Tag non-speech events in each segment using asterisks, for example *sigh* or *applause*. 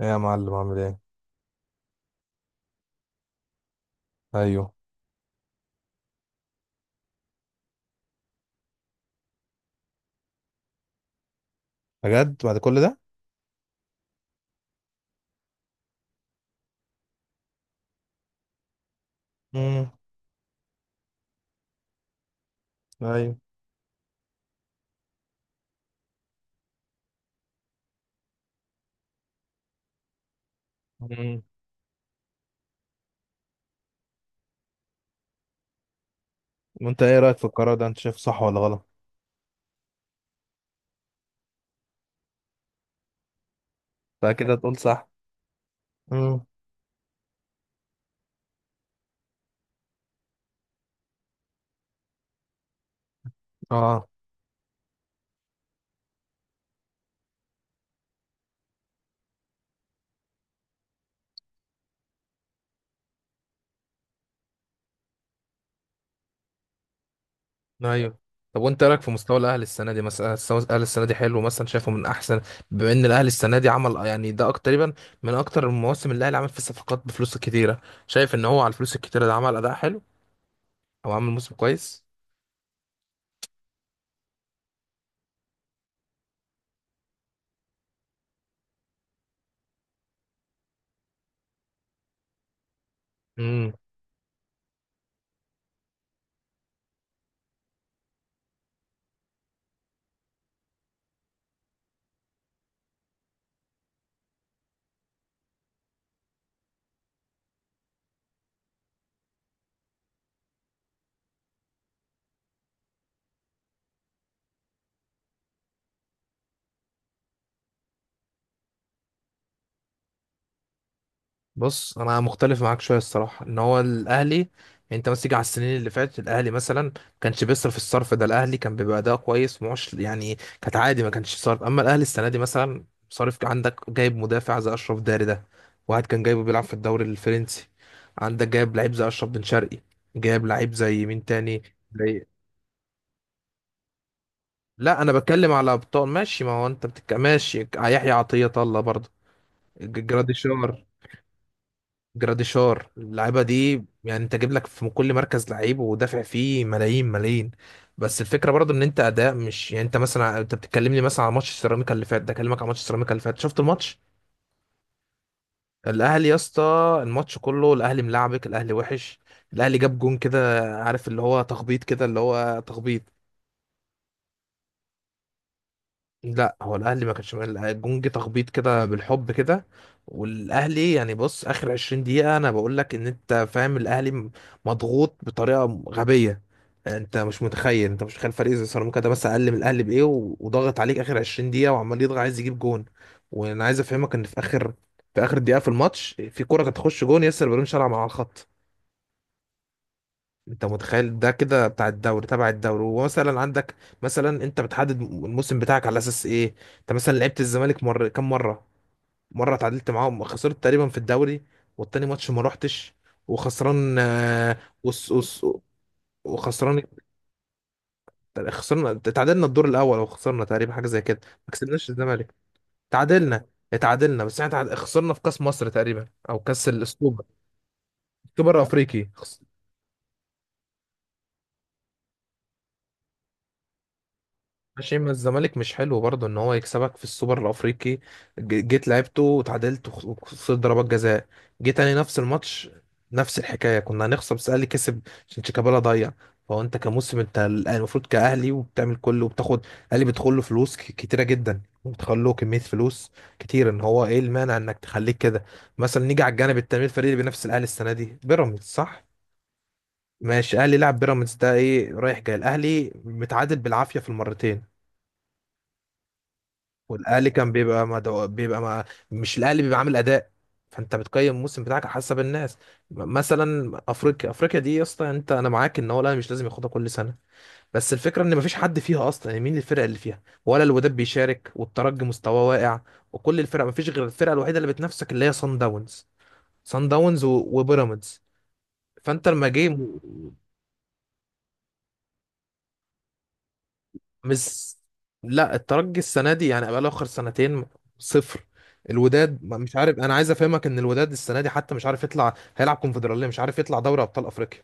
ايه يا معلم، عامل ايه؟ ايوه. بجد بعد كل ده؟ امم. ايوه. امم. وانت ايه رايك في القرار ده؟ انت شايفه صح ولا غلط؟ انت كده تقول صح. امم. اه. ايوه. طب وانت إيه رايك في مستوى الاهلي السنه دي؟ مثلا مستوى الاهلي السنه دي حلو؟ مثلا شايفه من احسن، بما ان الاهلي السنه دي عمل يعني ده اكتر تقريبا، من اكتر المواسم اللي الاهلي عمل فيه صفقات بفلوس كتيره. شايف ان هو على الفلوس الكتيره ده عمل اداء حلو او عمل موسم كويس؟ بص، انا مختلف معاك شويه الصراحه. ان هو الاهلي يعني انت بس تيجي على السنين اللي فاتت، الاهلي مثلا ما كانش بيصرف الصرف ده. الاهلي كان بيبقى اداء كويس معش يعني، كانت عادي ما كانش صرف. اما الاهلي السنه دي مثلا صارف. عندك جايب مدافع زي اشرف داري ده، واحد كان جايبه بيلعب في الدوري الفرنسي. عندك جايب لعيب زي اشرف بن شرقي، جايب لعيب زي مين تاني، زي، لا انا بتكلم على ابطال. ماشي، ما هو انت بتك... ماشي، يحيى عطيه الله برضه، جراديشار. جراديشار، اللعيبه دي يعني انت جايب لك في كل مركز لعيب ودافع فيه ملايين ملايين. بس الفكره برضو ان انت اداء مش يعني، انت مثلا انت بتتكلمني مثلا على ماتش سيراميكا اللي فات، ده اكلمك على ماتش سيراميكا اللي فات. شفت الماتش؟ الاهلي يا اسطى الماتش كله، الاهلي ملعبك، الاهلي وحش. الاهلي جاب جون كده، عارف اللي هو تخبيط كده، اللي هو تخبيط. لا هو الاهلي ما كانش الجونج تخبيط كده بالحب كده. والاهلي يعني بص، اخر 20 دقيقه انا بقول لك ان انت فاهم الاهلي مضغوط بطريقه غبيه. انت مش متخيل، انت مش متخيل فريق زي سيراميكا ده بس اقل من الاهلي بايه وضغط عليك اخر 20 دقيقه وعمال يضغط عايز يجيب جون. وانا عايز افهمك ان في اخر دقيقه في الماتش في كره كانت تخش جون ياسر بن شرع مع الخط. انت متخيل ده كده بتاع الدوري تبع الدوري؟ ومثلا عندك، مثلا انت بتحدد الموسم بتاعك على اساس ايه؟ انت مثلا لعبت الزمالك مره كم مره؟ مره اتعادلت معاهم، خسرت تقريبا في الدوري، والتاني ماتش ما روحتش وخسران، وس وس، وخسران. خسرنا اتعادلنا الدور الاول او خسرنا تقريبا، حاجه زي كده. ما كسبناش الزمالك، اتعادلنا، اتعادلنا. بس احنا خسرنا في كاس مصر تقريبا او كاس السوبر، السوبر الافريقي. ماشي، ما الزمالك مش حلو برضه ان هو يكسبك في السوبر الافريقي. جيت لعبته وتعادلت وخسرت ضربات جزاء. جيت تاني نفس الماتش، نفس الحكايه كنا هنخسر، بس الاهلي كسب عشان شيكابالا ضيع. فهو انت كموسم، انت المفروض كاهلي وبتعمل كله وبتاخد. الاهلي بيدخل له فلوس كتيره جدا وبتخلوا له كميه فلوس كتير. ان هو ايه المانع انك تخليك كده؟ مثلا نيجي على الجانب التاني، الفريق اللي بينافس الاهلي السنه دي بيراميدز صح؟ ماشي، الاهلي لعب بيراميدز ده ايه رايح جاي، الاهلي متعادل بالعافيه في المرتين. والاهلي كان بيبقى ما دو... بيبقى ما... مش الاهلي بيبقى عامل اداء. فانت بتقيم الموسم بتاعك على حسب الناس. مثلا افريقيا، افريقيا دي يا اسطى، انت انا معاك ان هو الاهلي مش لازم ياخدها كل سنه. بس الفكره ان مفيش حد فيها اصلا يعني، مين الفرق اللي فيها؟ ولا الوداد بيشارك والترجي مستواه واقع، وكل الفرق مفيش غير الفرقه الوحيده اللي بتنافسك اللي هي صن داونز، صن داونز و... وبيراميدز. فانت لما جه، مش، لا الترجي السنه دي يعني بقاله اخر سنتين صفر. الوداد مش عارف، انا عايز افهمك ان الوداد السنه دي حتى مش عارف يطلع هيلعب كونفدراليه، مش عارف يطلع دوري ابطال افريقيا.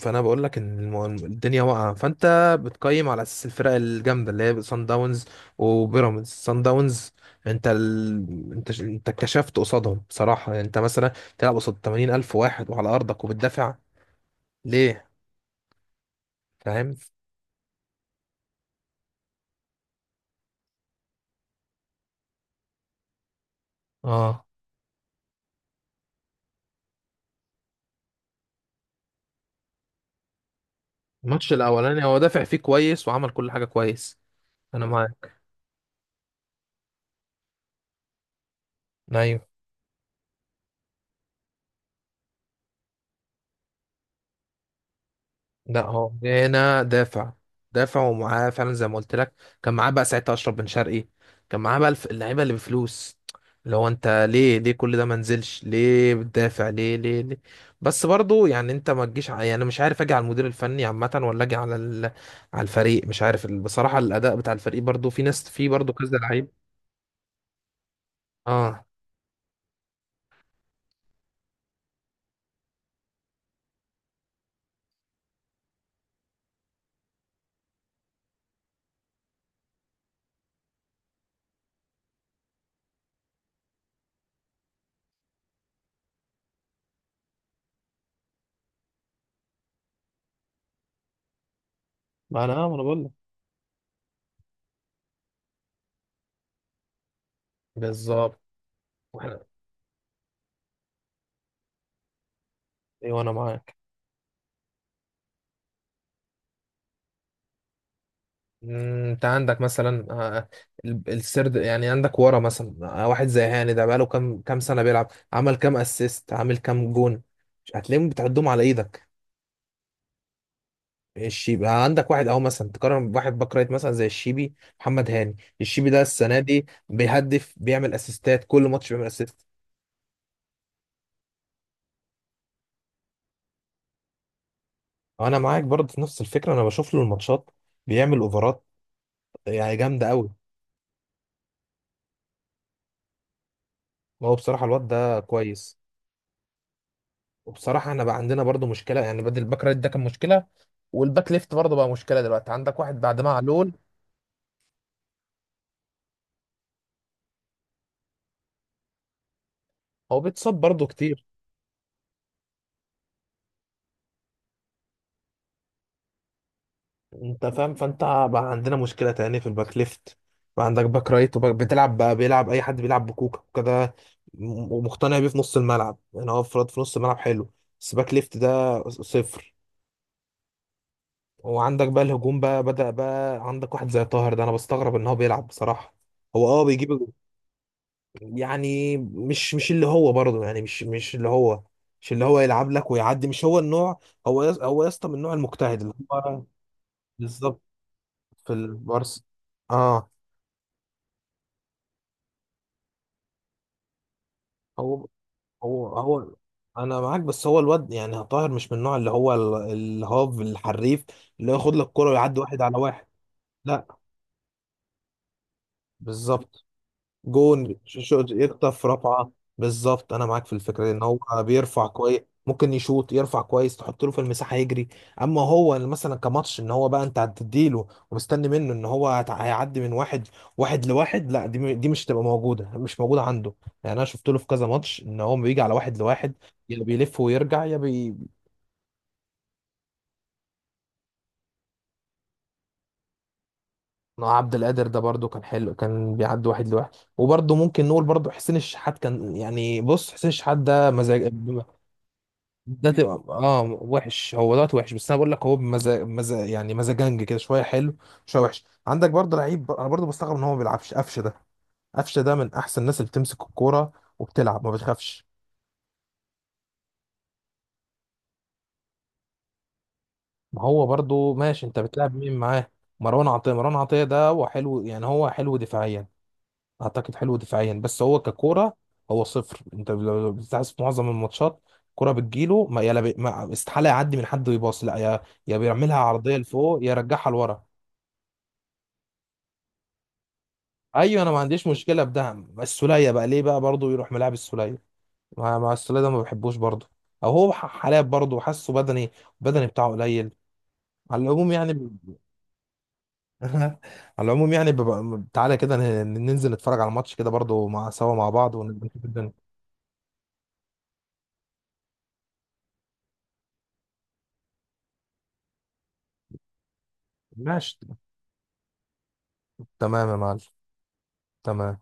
فانا بقول لك ان الدنيا واقعه. فانت بتقيم على اساس الفرق الجامده اللي هي سان داونز وبيراميدز، سان داونز. انت ال... انت انت اتكشفت قصادهم بصراحه يعني. انت مثلا تلعب قصاد 80000 واحد وعلى ارضك وبتدافع ليه؟ فاهم. اه الماتش الاولاني هو دافع فيه كويس وعمل كل حاجه كويس. انا معاك. ايوه. لا هو هنا دافع، دافع ومعاه فعلا زي ما قلت لك، كان معاه بقى ساعتها اشرف بن شرقي، كان معاه بقى اللعيبه اللي بفلوس، اللي هو انت ليه ليه كل ده؟ ما نزلش ليه؟ بتدافع ليه ليه ليه؟ بس برضو يعني انت ما تجيش ع- يعني مش عارف اجي على المدير الفني عامه ولا اجي على ال... على الفريق، مش عارف بصراحه الاداء بتاع الفريق برضو، في ناس، في برضو كذا لعيب. اه. ما انا بقول لك. بالظبط. واحنا، ايوه انا معاك. انت عندك مثلا، السرد يعني، عندك ورا مثلا، واحد زي هاني ده بقاله كام سنه بيلعب؟ عمل كام اسيست؟ عامل كام جون؟ مش هتلاقيهم، بتعدهم على ايدك. مش يبقى عندك واحد اهو مثلا تقارن بواحد باك رايت مثلا زي الشيبي؟ محمد هاني الشيبي ده السنه دي بيهدف، بيعمل اسيستات، كل ماتش بيعمل اسيست. انا معاك برضه في نفس الفكره، انا بشوف له الماتشات بيعمل اوفرات يعني جامده قوي. هو بصراحه الواد ده كويس. وبصراحة احنا بقى عندنا برضو مشكلة يعني، بدل الباك رايت ده كان مشكلة، والباك ليفت برضو بقى مشكلة دلوقتي. عندك واحد بعد ما علول، هو بيتصاب برضو كتير. انت فاهم، فانت بقى عندنا مشكلة تاني في الباك ليفت. بقى عندك باك رايت وباك، بتلعب بقى بيلعب اي حد، بيلعب بكوكا كده. ومقتنع بيه في نص الملعب يعني، هو افراد في نص الملعب حلو، بس باك ليفت ده صفر. وعندك بقى الهجوم بقى، بدأ بقى عندك واحد زي طاهر ده انا بستغرب ان هو بيلعب بصراحة. هو اه بيجيب يعني، مش اللي هو برضه يعني، مش اللي هو، مش اللي هو يلعب لك ويعدي، مش هو النوع. هو يس، هو يا اسطى من النوع المجتهد اللي هو، بالظبط، في البارس. اه. هو هو انا معاك. بس هو الواد يعني طاهر مش من النوع اللي هو الهاف الحريف، اللي هو ياخد لك كرة ويعدي واحد على واحد. لا، بالظبط. جون يخطف رفعه. بالظبط، انا معاك في الفكره دي ان هو بيرفع كويس، ممكن يشوط، يرفع كويس، تحط له في المساحه يجري. اما هو اللي مثلا كماتش ان هو بقى انت هتديله ومستني منه ان هو هيعدي من واحد، واحد لواحد، لا دي دي مش تبقى موجوده، مش موجوده عنده يعني. انا شفت له في كذا ماتش ان هو بيجي على واحد لواحد، يا بيلف ويرجع يا بي. عبد القادر ده برده كان حلو، كان بيعدي واحد لواحد. وبرده ممكن نقول برده حسين الشحات كان، يعني بص حسين الشحات ده مزاج. ده تبقى اه وحش، هو دلوقتي وحش، بس انا بقول لك هو بمزاج، مزاج يعني، مزاجنج كده، شويه حلو شويه وحش. عندك برضه لعيب انا برضه بستغرب ان هو ما بيلعبش، قفشه ده. قفشه ده من احسن الناس اللي بتمسك الكوره وبتلعب ما بتخافش. ما هو برضه ماشي، انت بتلعب مين معاه؟ مروان عطيه، مروان عطيه ده هو حلو يعني، هو حلو دفاعيا. اعتقد حلو دفاعيا، بس هو ككوره، هو صفر. انت لو بتلاحظ في معظم الماتشات، الكوره بتجيله ما يلا بي... ما استحاله يعدي من حد ويباص، لا يا بيعملها عرضيه لفوق يا يرجعها لورا. ايوه، انا ما عنديش مشكله بدعم السوليه، بقى ليه بقى برضه يروح ملاعب السوليه؟ مع السوليه ده ما بحبوش برضه. او هو حالات برضه حاسه بدني، بدني بتاعه قليل. على العموم يعني ب... *laughs* على العموم يعني ببقى... تعالى كده ننزل نتفرج على الماتش كده برضه مع سوا مع بعض ونشوف الدنيا. ماشي، تمام يا معلم، تمام.